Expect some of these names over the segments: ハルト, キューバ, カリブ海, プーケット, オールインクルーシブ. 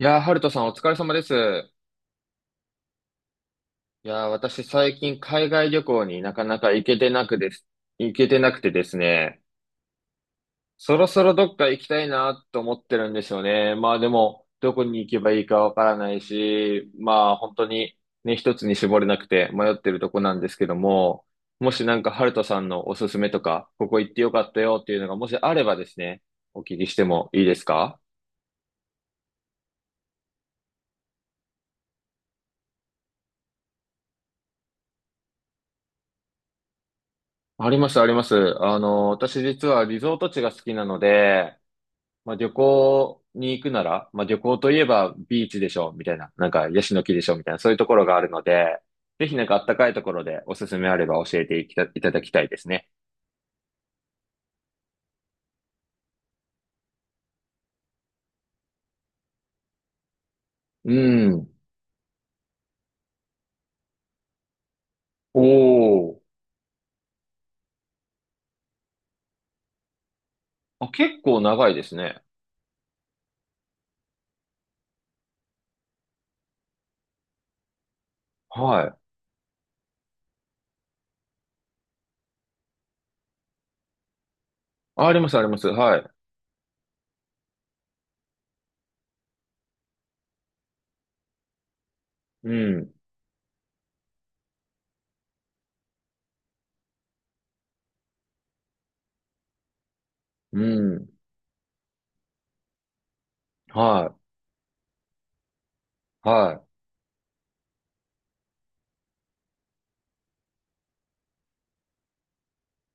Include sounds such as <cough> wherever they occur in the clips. いやー、ハルトさんお疲れ様です。いやー、私最近海外旅行になかなか行けてなくてですね。そろそろどっか行きたいなと思ってるんですよね。まあでも、どこに行けばいいかわからないし、まあ本当にね、一つに絞れなくて迷ってるとこなんですけども、もしなんかハルトさんのおすすめとか、ここ行ってよかったよっていうのがもしあればですね、お聞きしてもいいですか？あります、あります。私実はリゾート地が好きなので、まあ、旅行に行くなら、まあ、旅行といえばビーチでしょ、みたいな。なんか、ヤシの木でしょ、みたいな。そういうところがあるので、ぜひなんかあったかいところでおすすめあれば教えていきたいただきたいですね。うん。おー。あ、結構長いですね。はい。あ、あります、あります。はい。うん。うん。はい。はい。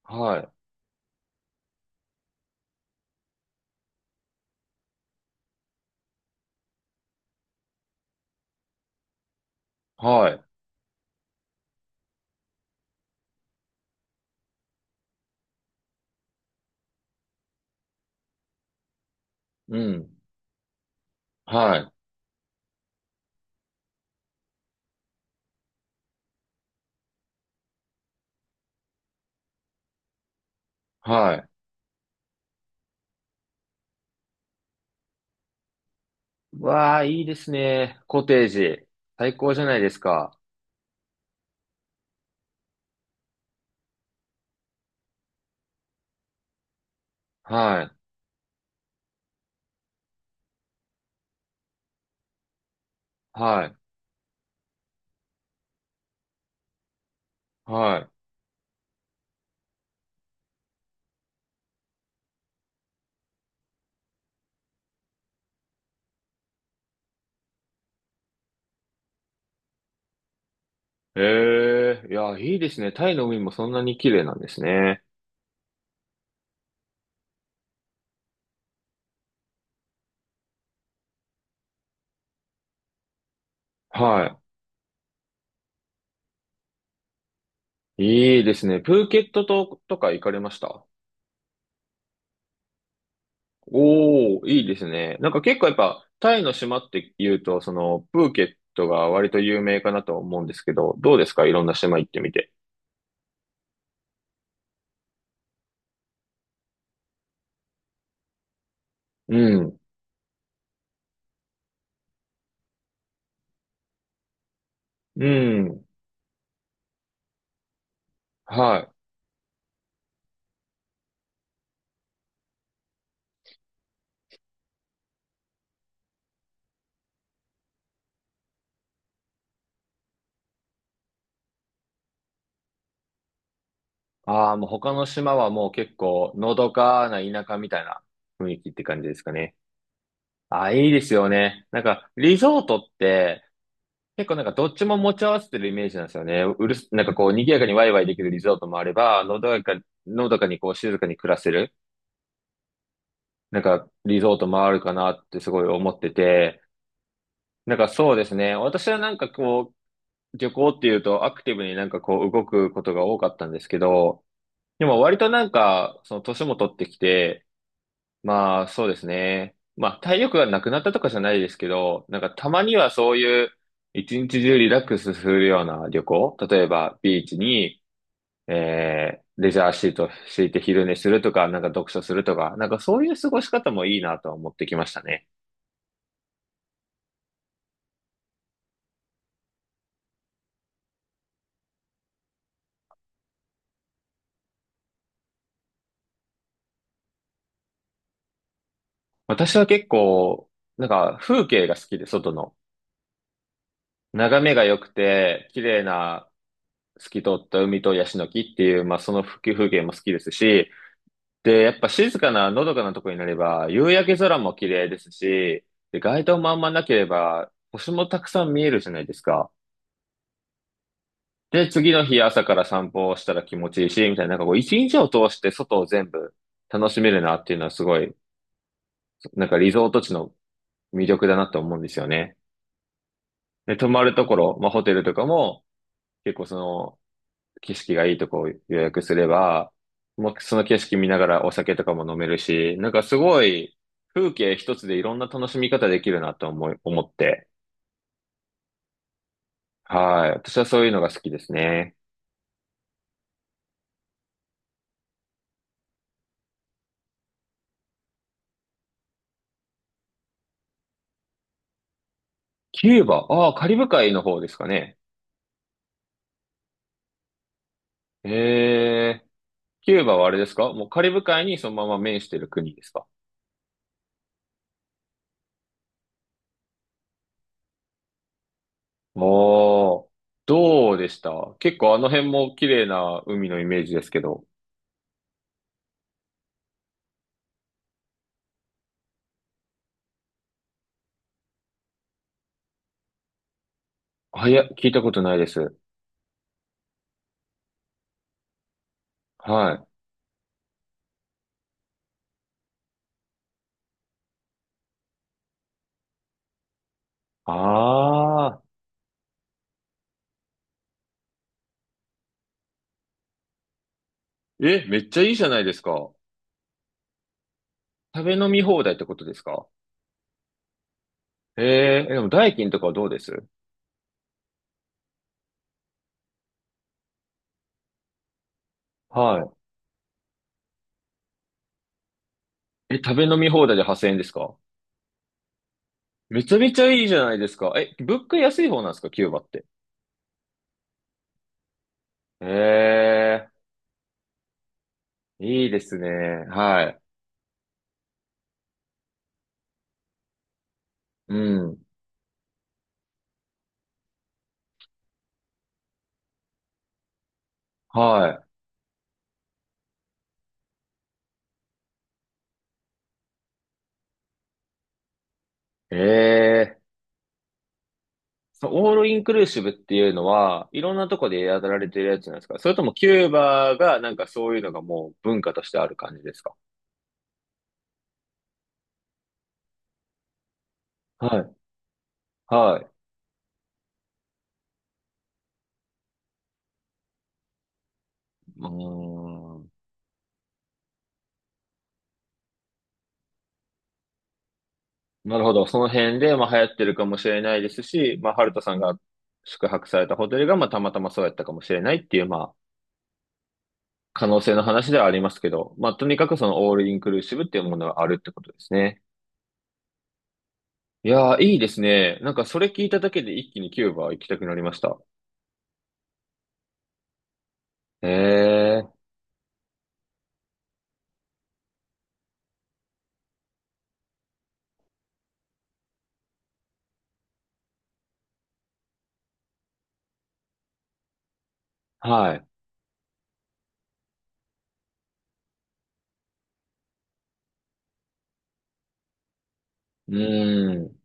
はい。はい。うん。はい。はい。わあ、いいですね。コテージ。最高じゃないですか。はい。はい。はい。ええ、いや、いいですね。タイの海もそんなに綺麗なんですね。はい。いいですね。プーケットとか行かれました？おー、いいですね。なんか結構やっぱ、タイの島って言うと、その、プーケットが割と有名かなと思うんですけど、どうですか、いろんな島行ってみて？うん。うん。はい。ああ、もう他の島はもう結構、のどかな田舎みたいな雰囲気って感じですかね。ああ、いいですよね。なんか、リゾートって、結構なんかどっちも持ち合わせてるイメージなんですよね。うるす、なんかこう賑やかにワイワイできるリゾートもあれば、のどかにこう静かに暮らせる、なんかリゾートもあるかなってすごい思ってて、なんかそうですね。私はなんかこう、旅行っていうとアクティブになんかこう動くことが多かったんですけど、でも割となんか、その年も取ってきて、まあ、そうですね。まあ、体力がなくなったとかじゃないですけど、なんかたまにはそういう、一日中リラックスするような旅行、例えばビーチに、レジャーシート敷いて昼寝するとか、なんか読書するとか、なんかそういう過ごし方もいいなとは思ってきましたね。私は結構、なんか風景が好きで、外の。眺めが良くて、綺麗な透き通った海とヤシの木っていう、まあその風景も好きですし、で、やっぱ静かな、のどかなとこになれば、夕焼け空も綺麗ですし、で、街灯もあんまなければ、星もたくさん見えるじゃないですか。で、次の日朝から散歩をしたら気持ちいいし、みたいな、なんかこう、一日を通して外を全部楽しめるなっていうのはすごい、なんかリゾート地の魅力だなと思うんですよね。で、泊まるところ、まあホテルとかも、結構その、景色がいいとこを予約すれば、もうその景色見ながらお酒とかも飲めるし、なんかすごい風景一つでいろんな楽しみ方できるなと思って。はい。私はそういうのが好きですね。キューバ、ああ、カリブ海の方ですかね。ええ、キューバはあれですか？もうカリブ海にそのまま面してる国ですか？おー、どうでした？結構あの辺も綺麗な海のイメージですけど。あいや、聞いたことないです。はい。あえ、めっちゃいいじゃないですか。食べ飲み放題ってことですか？えーえでも代金とかはどうです？はい。え、食べ飲み放題で8,000円ですか？めちゃめちゃいいじゃないですか。え、物価安い方なんですか、キューバって？ええー、いいですね。はい。うん。はい。えー。そのオールインクルーシブっていうのは、いろんなとこでやられてるやつなんですか？それともキューバがなんかそういうのがもう文化としてある感じですか？はい。はい。うーん。なるほど。その辺で、まあ、流行ってるかもしれないですし、まあ、ハルトさんが宿泊されたホテルが、まあ、たまたまそうやったかもしれないっていう、まあ、可能性の話ではありますけど、まあ、とにかくそのオールインクルーシブっていうものがあるってことですね。いやー、いいですね。なんかそれ聞いただけで一気にキューバ行きたくなりました。へえー、はい。うーん。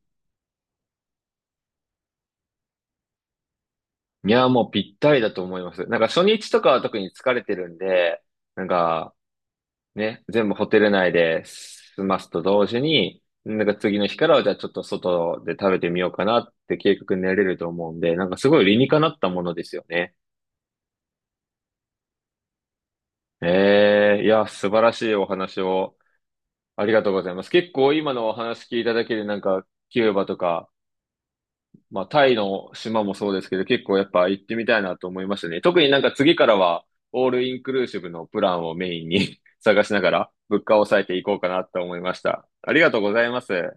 いやー、もうぴったりだと思います。なんか初日とかは特に疲れてるんで、なんか、ね、全部ホテル内で済ますと同時に、なんか次の日からはじゃあちょっと外で食べてみようかなって計画になれると思うんで、なんかすごい理にかなったものですよね。ええいや、素晴らしいお話をありがとうございます。結構今のお話聞いただけでなんかキューバとか、まあタイの島もそうですけど結構やっぱ行ってみたいなと思いましたね。特になんか次からはオールインクルーシブのプランをメインに <laughs> 探しながら物価を抑えていこうかなと思いました。ありがとうございます。